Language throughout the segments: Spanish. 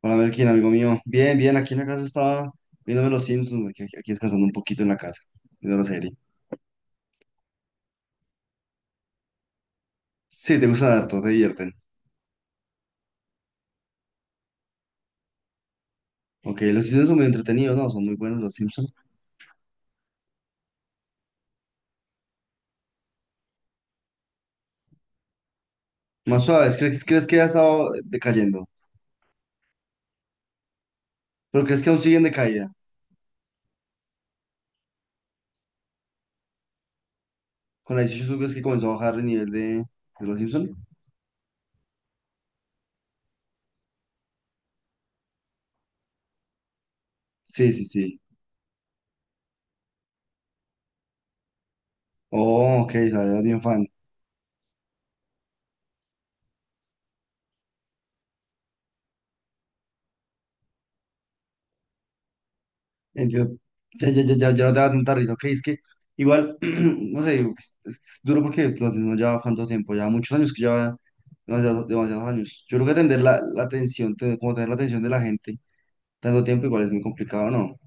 Hola Melkin, amigo mío. Bien, bien, aquí en la casa estaba viéndome los Simpsons, aquí descansando un poquito en la casa, viendo la serie. Sí, te gusta harto, te divierten. Ok, los Simpsons son muy entretenidos, ¿no? Son muy buenos los Simpsons. Más suaves, ¿crees que ha estado decayendo? ¿Pero crees que aún siguen de caída? ¿Con la 18 crees que comenzó a bajar el nivel de los Simpsons? Sí, sí, sí. Oh, ok, o sea, eras bien fan. Yo, ya, ya, ya, ya, ya no te va a dar tanta risa, ok, es que igual, no sé, digo, es duro porque lo hacemos ya cuánto tiempo, ya muchos años que lleva demasiados, demasiados años. Yo creo que atender la atención, como tener la atención de la gente tanto tiempo igual es muy complicado, ¿no?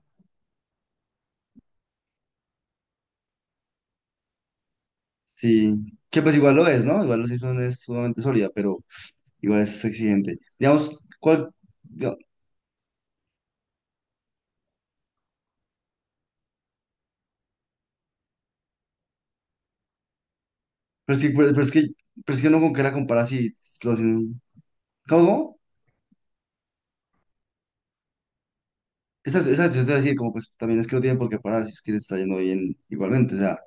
Sí, que pues igual lo es, ¿no? Igual los Simpsons es sumamente sólida, pero igual es exigente. Digamos, ¿cuál? diga- Pero es que, pero es que, pero es que uno con qué la compara si los Simpsons- ¿Cómo? Exacto, exacto, yo te voy a decir, como pues también es que no tienen por qué parar si es que les está yendo bien igualmente, o sea,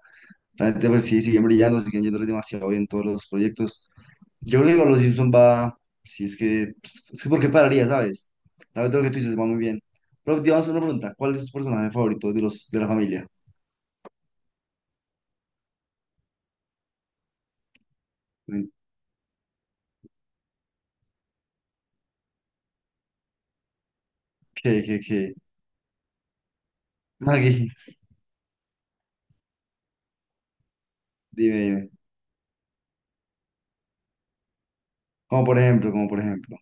realmente pues sí, siguen brillando, siguen yéndoles demasiado bien todos los proyectos. Yo creo que igual los Simpson va, si es que, pues, es que por qué pararía, ¿sabes? La verdad lo que tú dices va muy bien. Pero pues, digamos una pregunta, ¿cuál es tu personaje favorito de la familia? ¿Qué, qué, qué? Maggie, dime, dime. Como por ejemplo, como por ejemplo.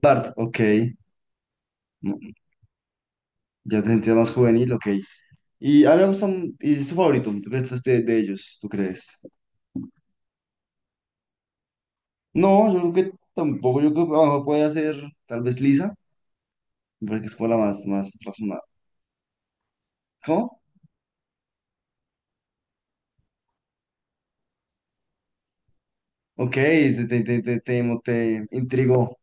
Bart, ok, no, ya te sentías más juvenil, ok. Y a mí me gusta, y es tu favorito, ¿tú crees que este es de ellos, tú crees? No, yo creo que tampoco. Yo creo que a puede hacer tal vez Lisa, porque es como la más, más razonable. ¿Cómo? Ok, se te intrigó.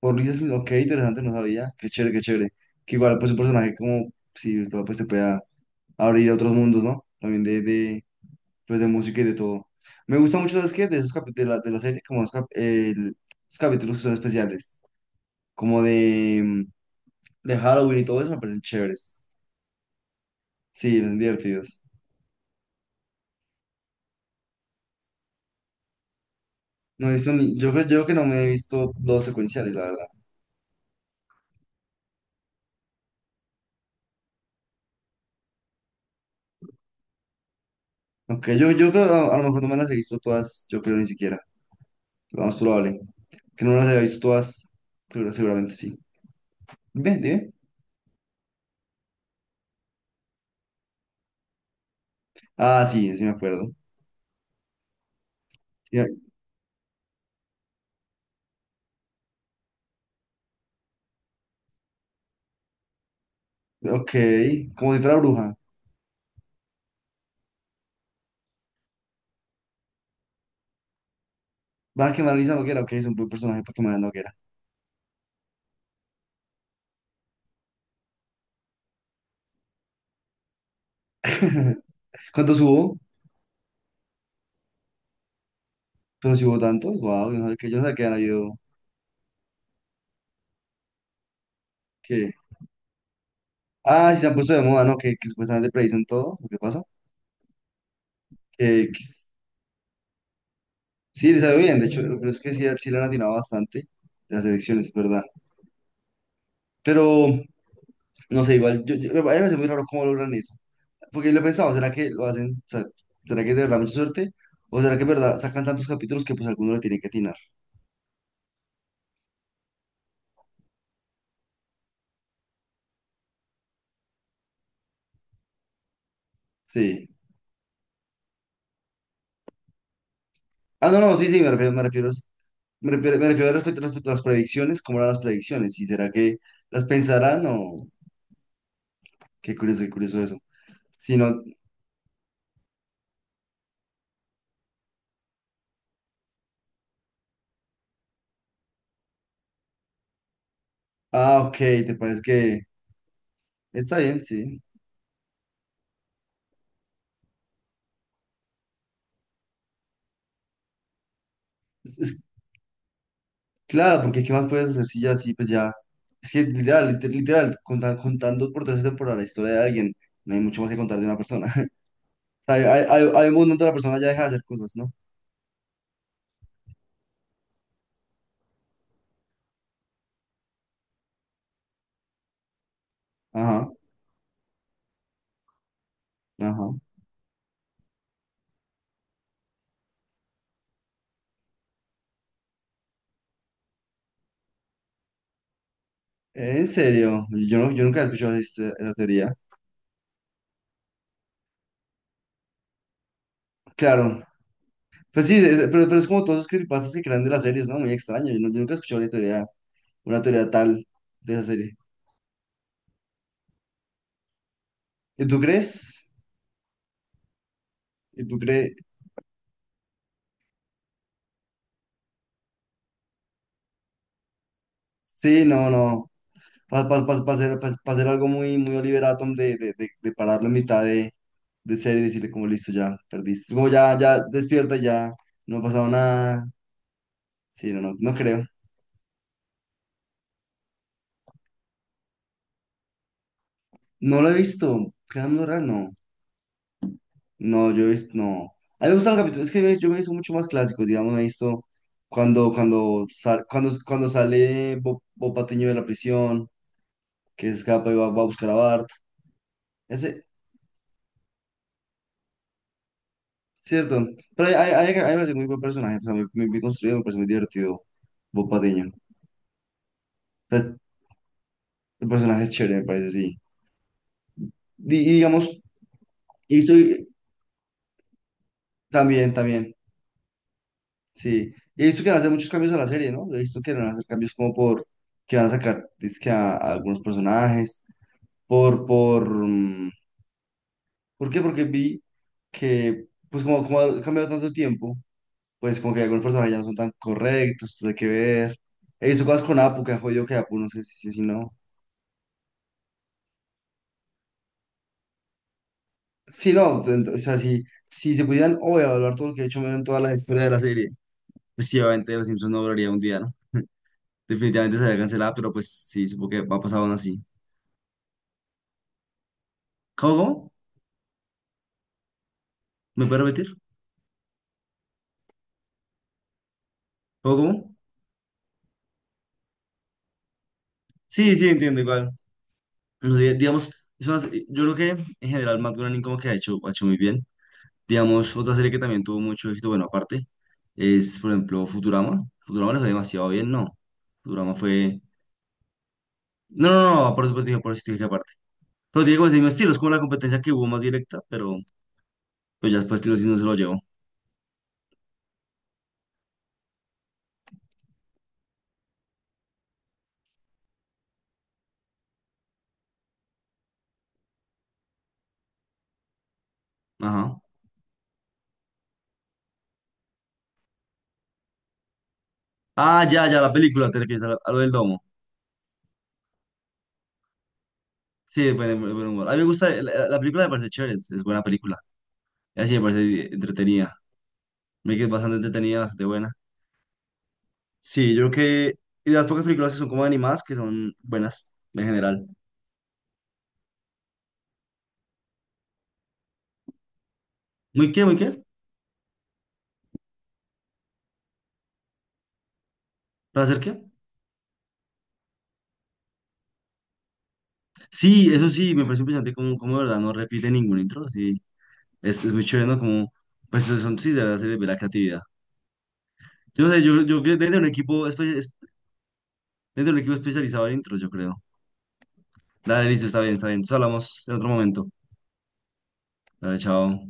Por Lisa, sí, ok, interesante, no sabía. Qué chévere, qué chévere. Que igual, pues un personaje como, si todo, pues se pueda abrir a otros mundos, ¿no? También de música y de todo. Me gusta mucho, ¿sabes qué? De esos capi- de la serie, como los capítulos que son especiales, como de Halloween y todo eso, me parecen chéveres. Sí, me parecen divertidos. No he visto ni, yo creo que no me he visto los secuenciales, la verdad. Aunque yo creo, a lo mejor no me las he visto todas, yo creo ni siquiera, lo más probable. Que no las haya visto todas, pero seguramente sí. Ve, dime. Ah, sí, sí me acuerdo. Sí, ah, ok, como si fuera bruja. Van a quemar a Lisa Noguera, ok, es un buen personaje para quemar a Noguera. ¿Cuántos hubo? Pero si hubo tantos, wow, yo no sabía que, han habido, que... Ah, sí se han puesto de moda, ¿no? Que, supuestamente predicen todo, ¿qué pasa? Que, Sí, le sabe bien, de hecho, pero es que sí, sí le han atinado bastante las elecciones, es verdad. Pero, no sé, igual, a mí me parece muy raro cómo logran eso. Porque lo he pensado, ¿será que lo hacen? O sea, ¿será que es de verdad mucha suerte? ¿O será que es verdad sacan tantos capítulos que pues alguno le tiene que atinar? Sí. Ah, no, no, sí, sí, me refiero, respecto a las predicciones, ¿cómo eran las predicciones? ¿Y será que las pensarán o? Qué curioso eso. Si no, ah, ok, te parece que está bien, sí. Es claro, porque ¿qué más puedes hacer si ya así, pues ya? Es que literal contando por tercera temporada la historia de alguien, no hay mucho más que contar de una persona. O sea, hay un momento donde la persona ya deja de hacer cosas, ¿no? Ajá, ajá. En serio, no, yo nunca he escuchado esa teoría. Claro, pues sí, pero es como todos los creepypastas que crean de las series, ¿no? Muy extraño, yo nunca he escuchado una teoría tal de esa serie. ¿Y tú crees? ¿Y tú crees? Sí, no, no. Para hacer, pa- pa hacer algo muy, muy Oliver Atom de pararlo en mitad de serie y decirle como listo, ya perdiste. Como ya, ya despierta, ya no ha pasado nada. Sí, no, no, no creo. No lo he visto. Queda muy raro, no. No, yo he visto, no. A mí me gustan los capítulos, es que yo me he visto mucho más clásicos, digamos, me he visto cuando sale Bob Patiño de la prisión, que se escapa y va a buscar a Bart. Ese Cierto, pero hay me parece muy buen personaje, o sea, muy, muy bien construido, me parece muy divertido, Bob Patiño. O sea, el personaje es chévere, me parece, sí. Y, digamos, y estoy también, también, sí. Y he visto que van a hacer muchos cambios a la serie, ¿no? He visto que van a hacer cambios como por, que van a sacar, es que a algunos personajes, por, por, mm, ¿por qué? Porque vi que, pues como ha cambiado tanto el tiempo, pues como que algunos personajes ya no son tan correctos, entonces hay que ver. He visto cosas con Apu, que han jodido que Apu, no sé si no. Sí, no, o sea, si se pudieran hoy evaluar todo lo que ha hecho Homero en toda la historia de la serie, pues sí, obviamente Los Simpsons no duraría un día, ¿no? Definitivamente sería cancelada, pero pues sí, supongo que va a pasar aún así. ¿Cómo, cómo? ¿Me puede repetir? ¿Cómo, cómo? Sí, sí, entiendo igual. Pero digamos, yo creo que en general Matt Groening como que ha hecho muy bien. Digamos, otra serie que también tuvo mucho éxito, bueno, aparte, es, por ejemplo, Futurama. Futurama lo fue demasiado bien, ¿no? Futurama fue. No, no, no. Pero tiene como ese mismo estilo, es como la competencia que hubo más directa, pero pues ya después Tilo sí no se lo llevó. Ajá. Ah, ya, ya, la película, te refieres a lo del domo. Sí, buen humor. A mí me gusta, la película me parece chévere, es buena película. Y así me parece entretenida. Me quedé bastante entretenida, bastante buena. Sí, yo creo. Y de las pocas películas que son como animadas, que son buenas, en general. ¿Muy qué, muy qué? ¿Para hacer qué? Sí, eso sí, me parece impresionante como de verdad no repite ningún intro, sí. Es muy chévere, ¿no? Como, pues son, sí, de verdad se le ve la creatividad. Yo no sé, yo creo que desde un equipo especializado adentro, yo creo. Dale, listo, está bien, está bien. Entonces hablamos en otro momento. Dale, chao.